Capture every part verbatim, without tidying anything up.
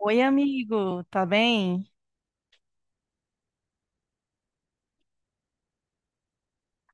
Oi, amigo, tá bem?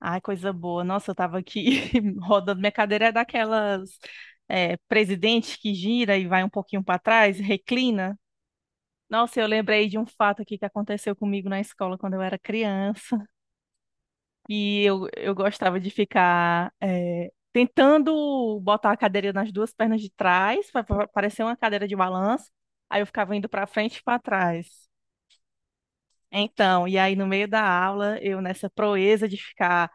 Ai, coisa boa. Nossa, eu tava aqui rodando. Minha cadeira é daquelas é, presidente, que gira e vai um pouquinho para trás, reclina. Nossa, eu lembrei de um fato aqui que aconteceu comigo na escola quando eu era criança. E eu, eu gostava de ficar é, tentando botar a cadeira nas duas pernas de trás, para parecer uma cadeira de balanço. Aí eu ficava indo para frente e para trás. Então, e aí no meio da aula, eu nessa proeza de ficar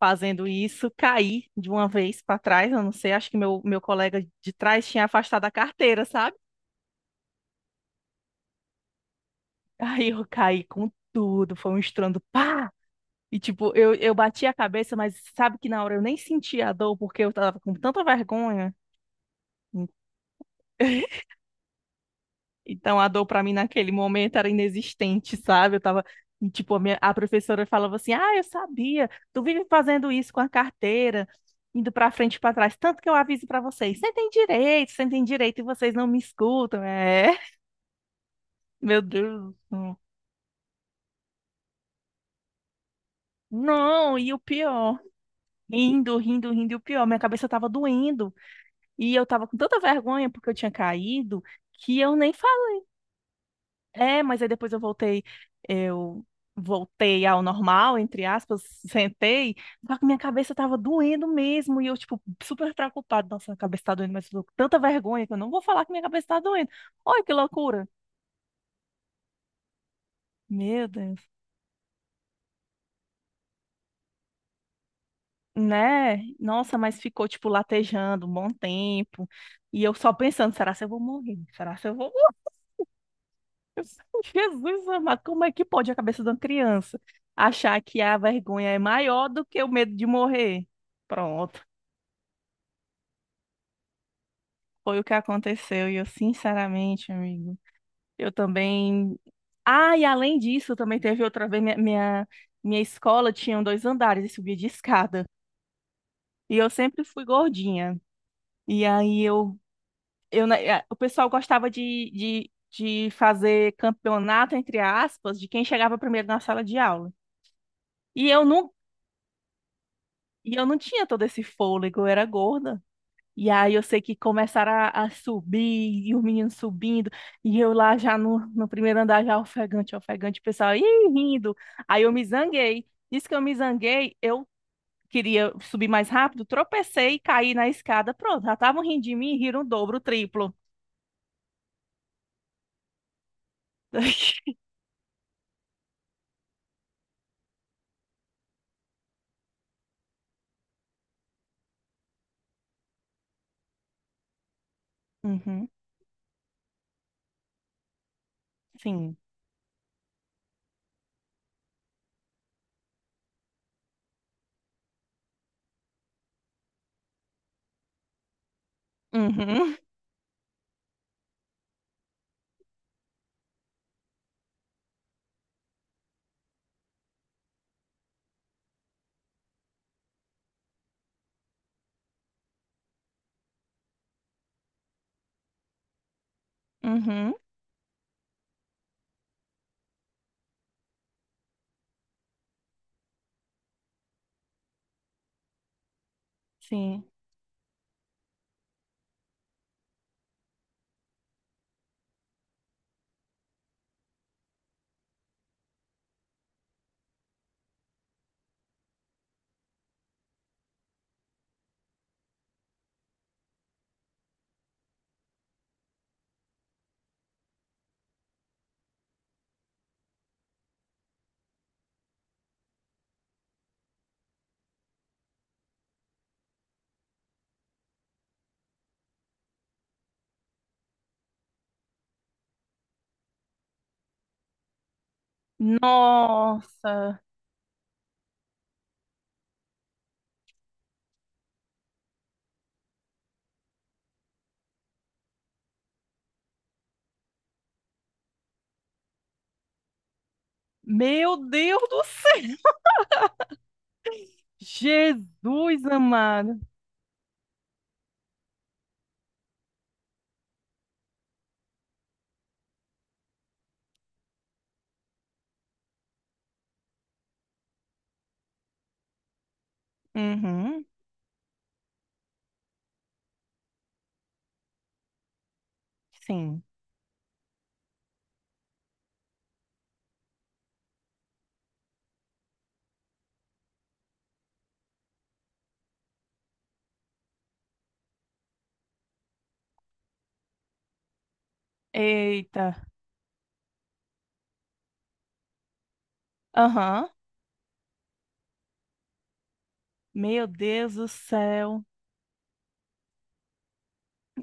fazendo isso, caí de uma vez para trás, eu não sei, acho que meu, meu colega de trás tinha afastado a carteira, sabe? Aí eu caí com tudo, foi um estrondo, pá! E tipo, eu, eu bati a cabeça, mas sabe que na hora eu nem senti a dor, porque eu tava com tanta vergonha. Então a dor pra mim naquele momento era inexistente, sabe? Eu tava, tipo, a minha- a professora falava assim: "Ah, eu sabia. Tu vive fazendo isso com a carteira, indo pra frente e pra trás, tanto que eu aviso pra vocês. Sentem direito, sentem direito e vocês não me escutam". É. Meu Deus. Não, e o pior, rindo, rindo, rindo, e o pior, minha cabeça tava doendo e eu tava com tanta vergonha porque eu tinha caído que eu nem. É, mas aí depois eu voltei, eu voltei ao normal, entre aspas, sentei, só que minha cabeça tava doendo mesmo, e eu, tipo, super preocupada, nossa, minha cabeça tá doendo, mas eu tô com tanta vergonha que eu não vou falar que minha cabeça tá doendo. Olha que loucura. Meu Deus. Né? Nossa, mas ficou, tipo, latejando um bom tempo, e eu só pensando, será se eu vou morrer? Será se eu vou morrer? Jesus amado, como é que pode a cabeça de uma criança achar que a vergonha é maior do que o medo de morrer? Pronto. Foi o que aconteceu. E eu, sinceramente, amigo, eu também. Ah, e além disso, também teve outra vez. Minha, minha, minha escola tinha dois andares e subia de escada. E eu sempre fui gordinha. E aí eu, eu, na- eh, o pessoal gostava de, de, de fazer campeonato, entre aspas, de quem chegava primeiro na sala de aula. E eu não, e eu não tinha todo esse fôlego, eu era gorda. E aí eu sei que começaram a, a subir, e os meninos subindo, e eu lá já no, no primeiro andar, já ofegante, ofegante, o pessoal, ih, rindo. Aí eu me zanguei. Diz que eu me zanguei, eu queria subir mais rápido, tropecei e caí na escada. Pronto, já estavam rindo de mim e riram o dobro, o triplo. Uhum, sim. Uhum, uhum, sim. Nossa, meu Deus do céu! Jesus amado. Uhum, sim. Eita. Aham. Meu Deus do céu.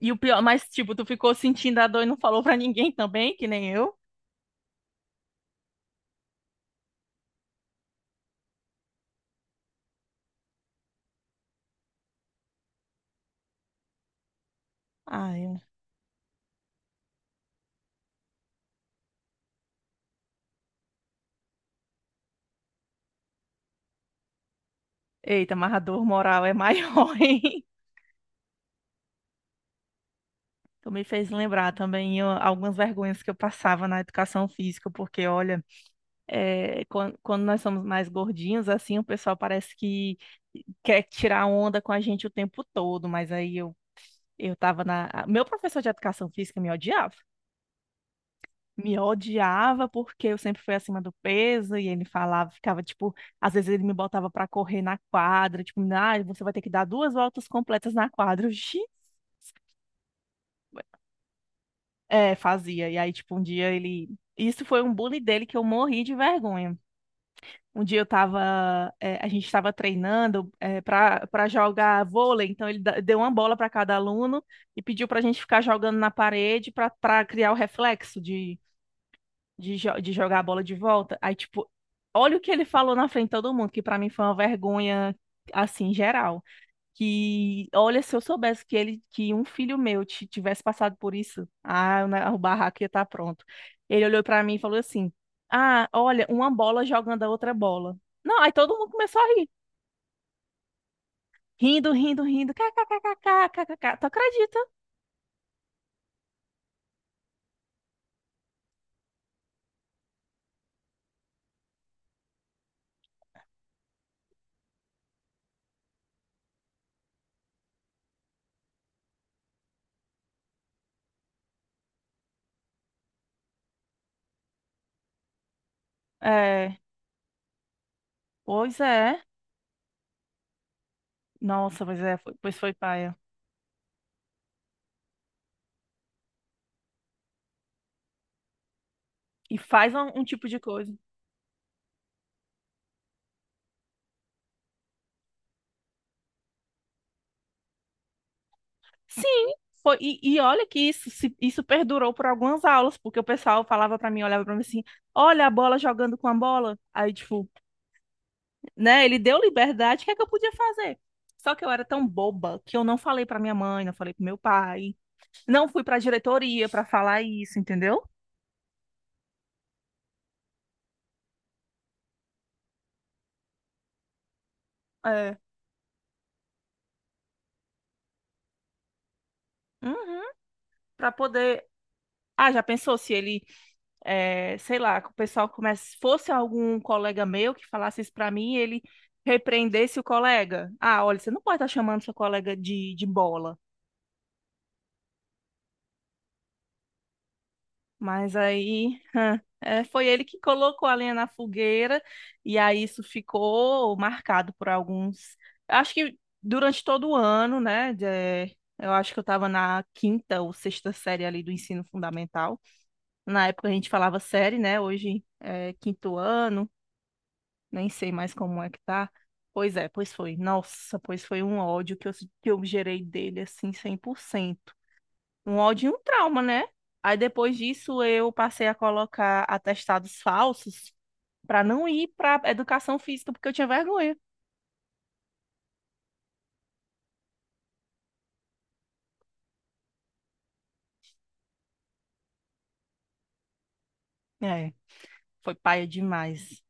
E o pior, mas tipo, tu ficou sentindo a dor e não falou pra ninguém também, que nem eu? Ai, eita, mas a dor moral é maior, hein? Tu me fez lembrar também ó, algumas vergonhas que eu passava na educação física, porque olha, é, quan- quando, nós somos mais gordinhos, assim, o pessoal parece que quer tirar onda com a gente o tempo todo, mas aí eu, eu tava na. Meu professor de educação física me odiava. Me odiava porque eu sempre fui acima do peso e ele falava, ficava tipo, às vezes ele me botava pra correr na quadra, tipo, ah, você vai ter que dar duas voltas completas na quadra. Eu, "Xi". É, fazia. E aí, tipo, um dia ele. Isso foi um bullying dele que eu morri de vergonha. Um dia eu tava, é, a gente estava treinando é, para para jogar vôlei, então ele da- deu uma bola para cada aluno e pediu pra gente ficar jogando na parede pra para criar o reflexo de de, jo- de jogar a bola de volta. Aí, tipo, olha o que ele falou na frente de todo mundo, que pra mim foi uma vergonha, assim, geral. Que, olha, se eu soubesse que ele, que um filho meu ti- tivesse passado por isso, ah, o ne- o barraco ia estar pronto. Ele olhou pra mim e falou assim: ah, olha, uma bola jogando a outra bola. Não, aí todo mundo começou a rir. Rindo, rindo, rindo. ká ká ká ká ká, ká ká ká. Tu acredita? É, pois é. Nossa, pois é, foi- pois foi paia. E faz um um tipo de coisa. Sim, foi. E, e olha que isso, se- isso perdurou por algumas aulas, porque o pessoal falava pra mim, olhava pra mim assim, olha a bola jogando com a bola. Aí, tipo, né, ele deu liberdade, o que é que eu podia fazer? Só que eu era tão boba que eu não falei pra minha mãe, não falei pro meu pai, não fui pra diretoria pra falar isso, entendeu? É. Uhum, pra poder. Ah, já pensou se ele é, sei lá, que o pessoal começa, fosse algum colega meu que falasse isso para mim, ele repreendesse o colega. Ah, olha, você não pode estar chamando seu colega de, de bola. Mas aí, hã, é, foi ele que colocou a lenha na fogueira e aí isso ficou marcado por alguns. Acho que durante todo o ano, né? De- eu acho que eu estava na quinta ou sexta série ali do ensino fundamental. Na época a gente falava série, né? Hoje é quinto ano, nem sei mais como é que tá. Pois é, pois foi. Nossa, pois foi um ódio que eu, que eu gerei dele, assim, cem por cento. Um ódio e um trauma, né? Aí depois disso eu passei a colocar atestados falsos pra não ir pra educação física, porque eu tinha vergonha. É, foi paia demais.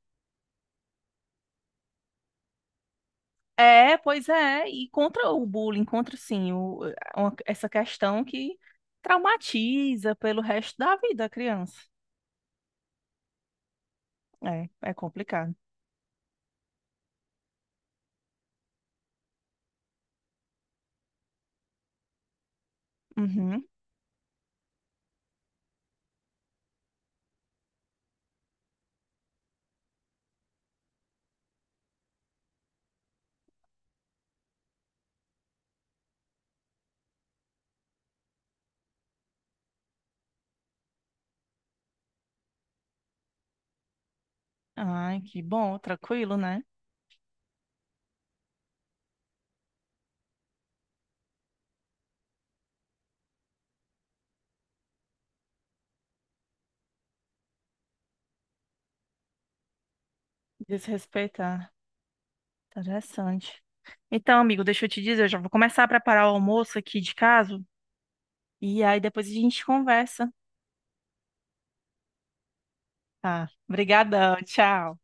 É, pois é, e contra o bullying, contra sim, o- uma- essa questão que traumatiza pelo resto da vida a criança. É, é complicado. Uhum. Ai, que bom, tranquilo, né? Desrespeitar. Tá interessante. Então, amigo, deixa eu te dizer, eu já vou começar a preparar o almoço aqui de casa e aí depois a gente conversa. Tá. Obrigadão, tchau.